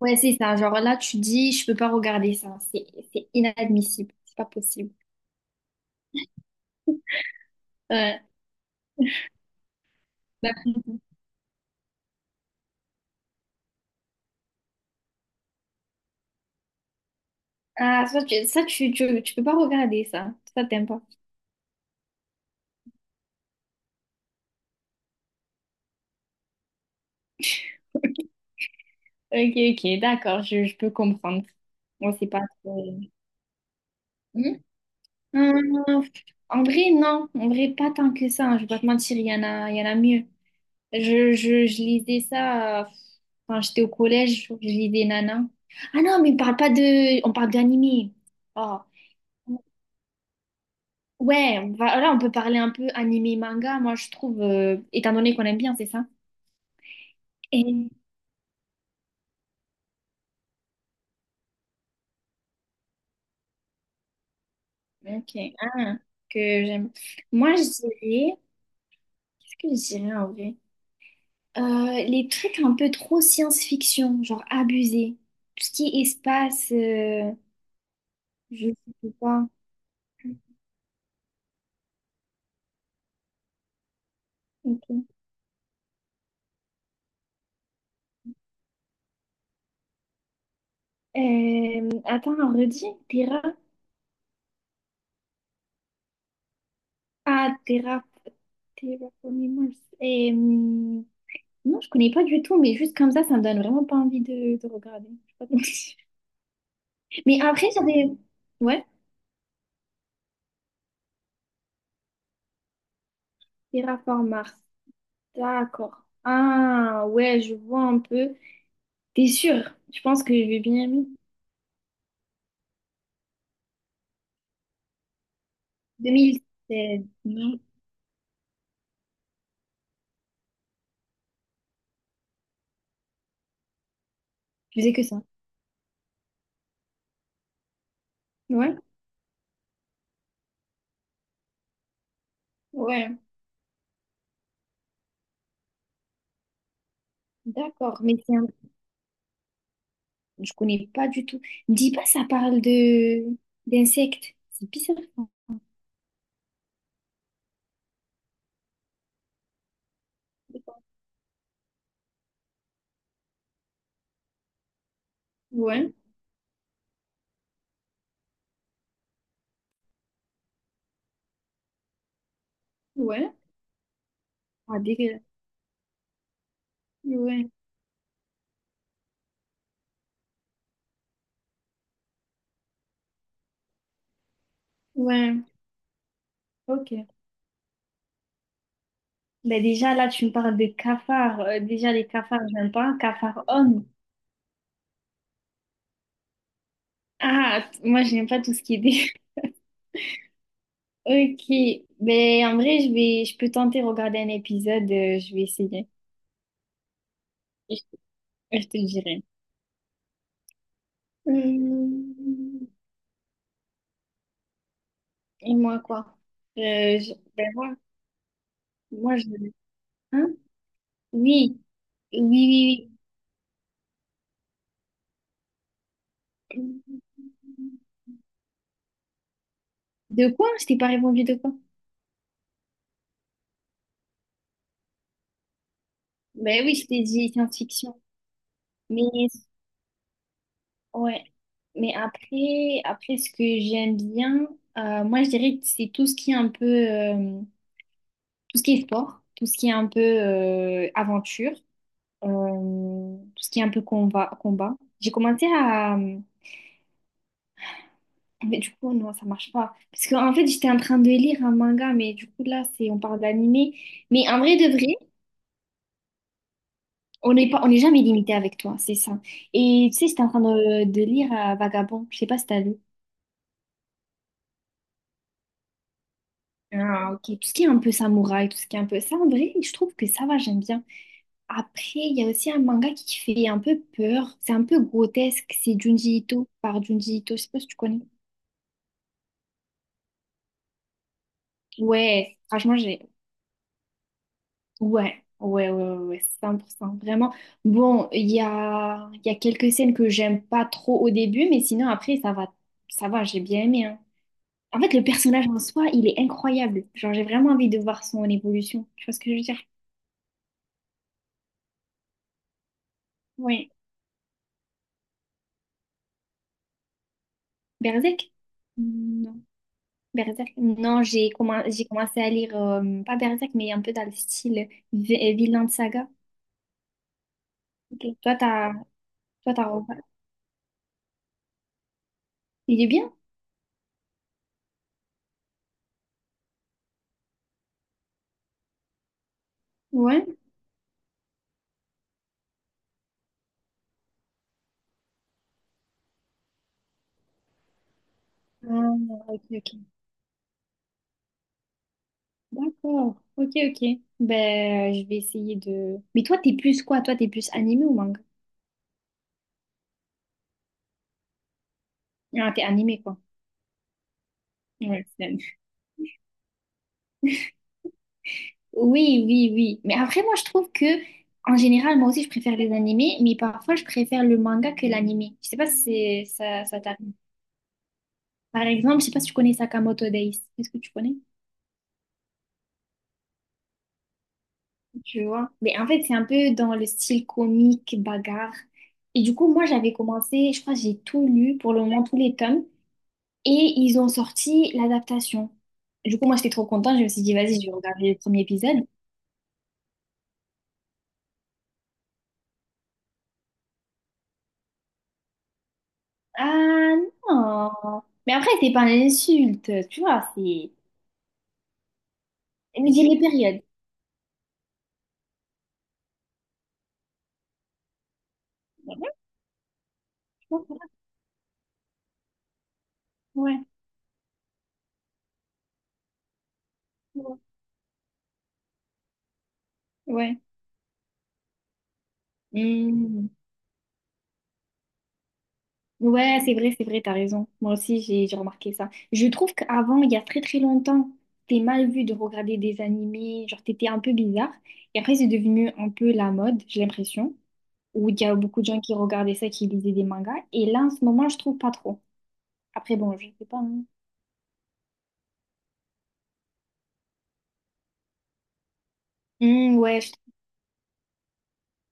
Ouais, c'est ça. Genre là, tu dis, je peux pas regarder ça. C'est inadmissible. C'est pas possible. Ouais. Bah, ah, ça tu, tu, tu peux pas regarder ça. Ça, t'aimes pas. Ok, ok, d'accord, je peux comprendre. Moi, c'est pas trop… Hmm. Euh, En vrai, non. En vrai, pas tant que ça, hein. Je vais pas te mentir, il y en a, il y en a mieux. Je lisais ça quand j'étais au collège. Je lisais Nana. Ah non, mais on parle pas de… On parle d'animé. Oh. Ouais, on va, là, on peut parler un peu animé manga, moi, je trouve, étant donné qu'on aime bien, c'est ça? Et- ok, ah, que j'aime. Moi, je dirais, ce que je dirais en vrai? Les trucs un peu trop science-fiction, genre abusé. Tout ce qui est espace, je sais pas. Ok. Attends, redis, Terra. Ah, Terra. Terraforming Mars. Et, non, je connais pas du tout, mais juste comme ça me donne vraiment pas envie de regarder. Je sais pas. Mais après, ça des… Ouais, Terraform Mars. D'accord. Ah, ouais, je vois un peu. T'es sûr? Je pense que j'ai bien mis 2016. Non, je faisais que ça. Ouais, ouais. D'accord. Mais tiens, je connais pas du tout. Me dis pas, ça parle de d'insectes. C'est bizarre. Ouais, ouais. Ah, dégueulasse. Ouais, ouais. Ok. Ben déjà, là, tu me parles de cafards. Déjà, les cafards, j'aime pas. Cafards hommes. Ah, t- moi, j'aime pas tout ce qui est des ok, mais en vrai, je vais, je peux tenter de regarder un épisode, je vais essayer. Je, je te dirai. Hum, Et moi, quoi? Ben moi, moi, je… Hein? Oui, oui, oui, oui. De quoi? Je t'ai pas répondu de quoi? Ben oui, je t'ai dit science-fiction. Mais, ouais. Mais après, après, ce que j'aime bien, moi, je dirais que c'est tout ce qui est un peu… tout ce qui est sport, tout ce qui est un peu aventure, tout ce qui est un peu combat, combat. J'ai commencé à… Mais du coup, non, ça marche pas. Parce que en fait, j'étais en train de lire un manga, mais du coup, là, c'est, on parle d'animé. Mais en vrai de vrai, on n'est jamais limité avec toi, c'est ça. Et tu sais, j'étais en train de lire Vagabond. Je sais pas si t'as lu. Ah, ok. Tout ce qui est un peu samouraï, tout ce qui est un peu ça, en vrai, je trouve que ça va, j'aime bien. Après, il y a aussi un manga qui fait un peu peur. C'est un peu grotesque. C'est Junji Ito, par Junji Ito. Je sais pas si tu connais. Ouais, franchement, j'ai ouais, ouais, ouais, ouais, ouais, 100%, vraiment. Bon, il y a quelques scènes que j'aime pas trop au début, mais sinon après, ça va, j'ai bien aimé, hein. En fait, le personnage en soi, il est incroyable. Genre, j'ai vraiment envie de voir son évolution. Tu vois ce que je veux dire? Ouais. Berserk? Non. Berserk? Non, j'ai commencé à lire, pas Berserk, mais un peu dans le style Vinland Saga. Ok. Toi, t'as, il est bien? Ouais. Ah, ok, ok. D'accord. Ok, ok. Ben, je vais essayer de… Mais toi, t'es plus quoi? Toi, t'es plus animé ou manga? Ah, t'es animé, quoi. Ouais, c'est animé. Oui, oui, oui. Mais après, moi, je trouve que, en général, moi aussi, je préfère les animés, mais parfois, je préfère le manga que l'animé. Je sais pas si c'est- ça t'arrive. Par exemple, je sais pas si tu connais Sakamoto Days. Est-ce que tu connais? Tu vois? Mais en fait, c'est un peu dans le style comique, bagarre. Et du coup, moi, j'avais commencé, je crois, que j'ai tout lu, pour le moment, tous les tomes. Et ils ont sorti l'adaptation. Du coup, moi, j'étais trop contente. Je me suis dit, vas-y, je vais regarder le premier épisode. Ah non! Mais après, c'est pas une insulte, tu vois, c'est… Mais j'ai les périodes. Ouais, ouais. Ouais, mhm. Ouais, c'est vrai, t'as raison. Moi aussi, j'ai remarqué ça. Je trouve qu'avant, il y a très très longtemps, c'était mal vu de regarder des animés, genre t'étais un peu bizarre. Et après, c'est devenu un peu la mode, j'ai l'impression, où il y a beaucoup de gens qui regardaient ça, qui lisaient des mangas. Et là, en ce moment, je trouve pas trop. Après, bon, je sais pas, hein. Hmm, ouais, je-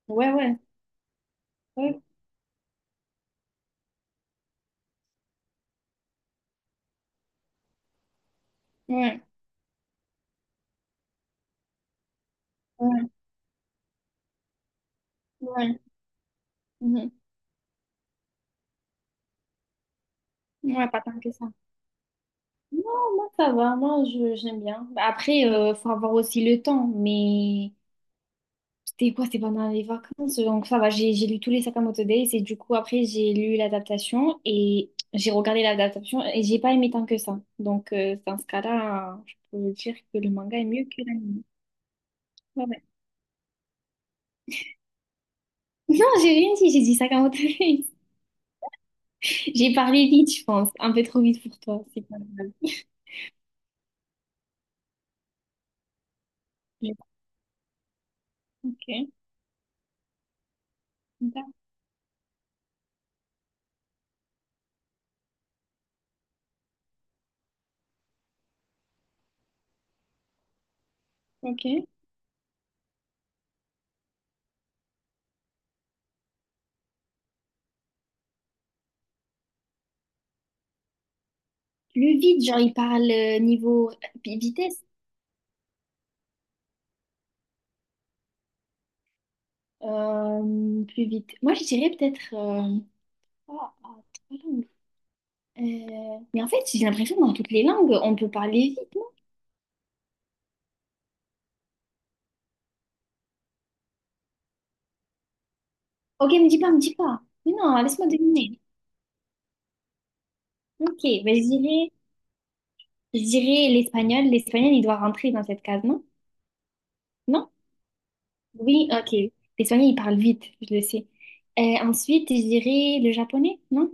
ouais, ouais, ouais, ouais, ouais, ouais, mhm. Ouais, pas tant que ça. Non, moi, ça va. Moi, je, j'aime bien. Bah, après, faut avoir aussi le temps. Mais c'était quoi? C'était pendant les vacances. Donc, ça va. J'ai lu tous les Sakamoto Days. Et du coup, après, j'ai lu l'adaptation et j'ai regardé l'adaptation et j'ai pas aimé tant que ça. Donc, dans ce cas-là, je peux dire que le manga est mieux que l'anime. Ouais, ouais. Non, j'ai rien dit, j'ai dit ça comme autorise. J'ai parlé vite, je pense. Un peu trop vite pour toi, c'est pas grave. Mais ok, d'accord, ok. Plus vite, genre, il parle niveau vitesse. Plus vite. Moi, je dirais peut-être… ah, ah, trois langues. Mais en fait, j'ai l'impression que dans toutes les langues, on peut parler vite, non? Ok, me dis pas, me dis pas. Mais non, laisse-moi deviner. Ok, ben, je dirais l'espagnol. L'espagnol, il doit rentrer dans cette case, non? Non? Oui, ok. Les soignants, ils parlent vite, je le sais. Ensuite, je dirais le japonais, non?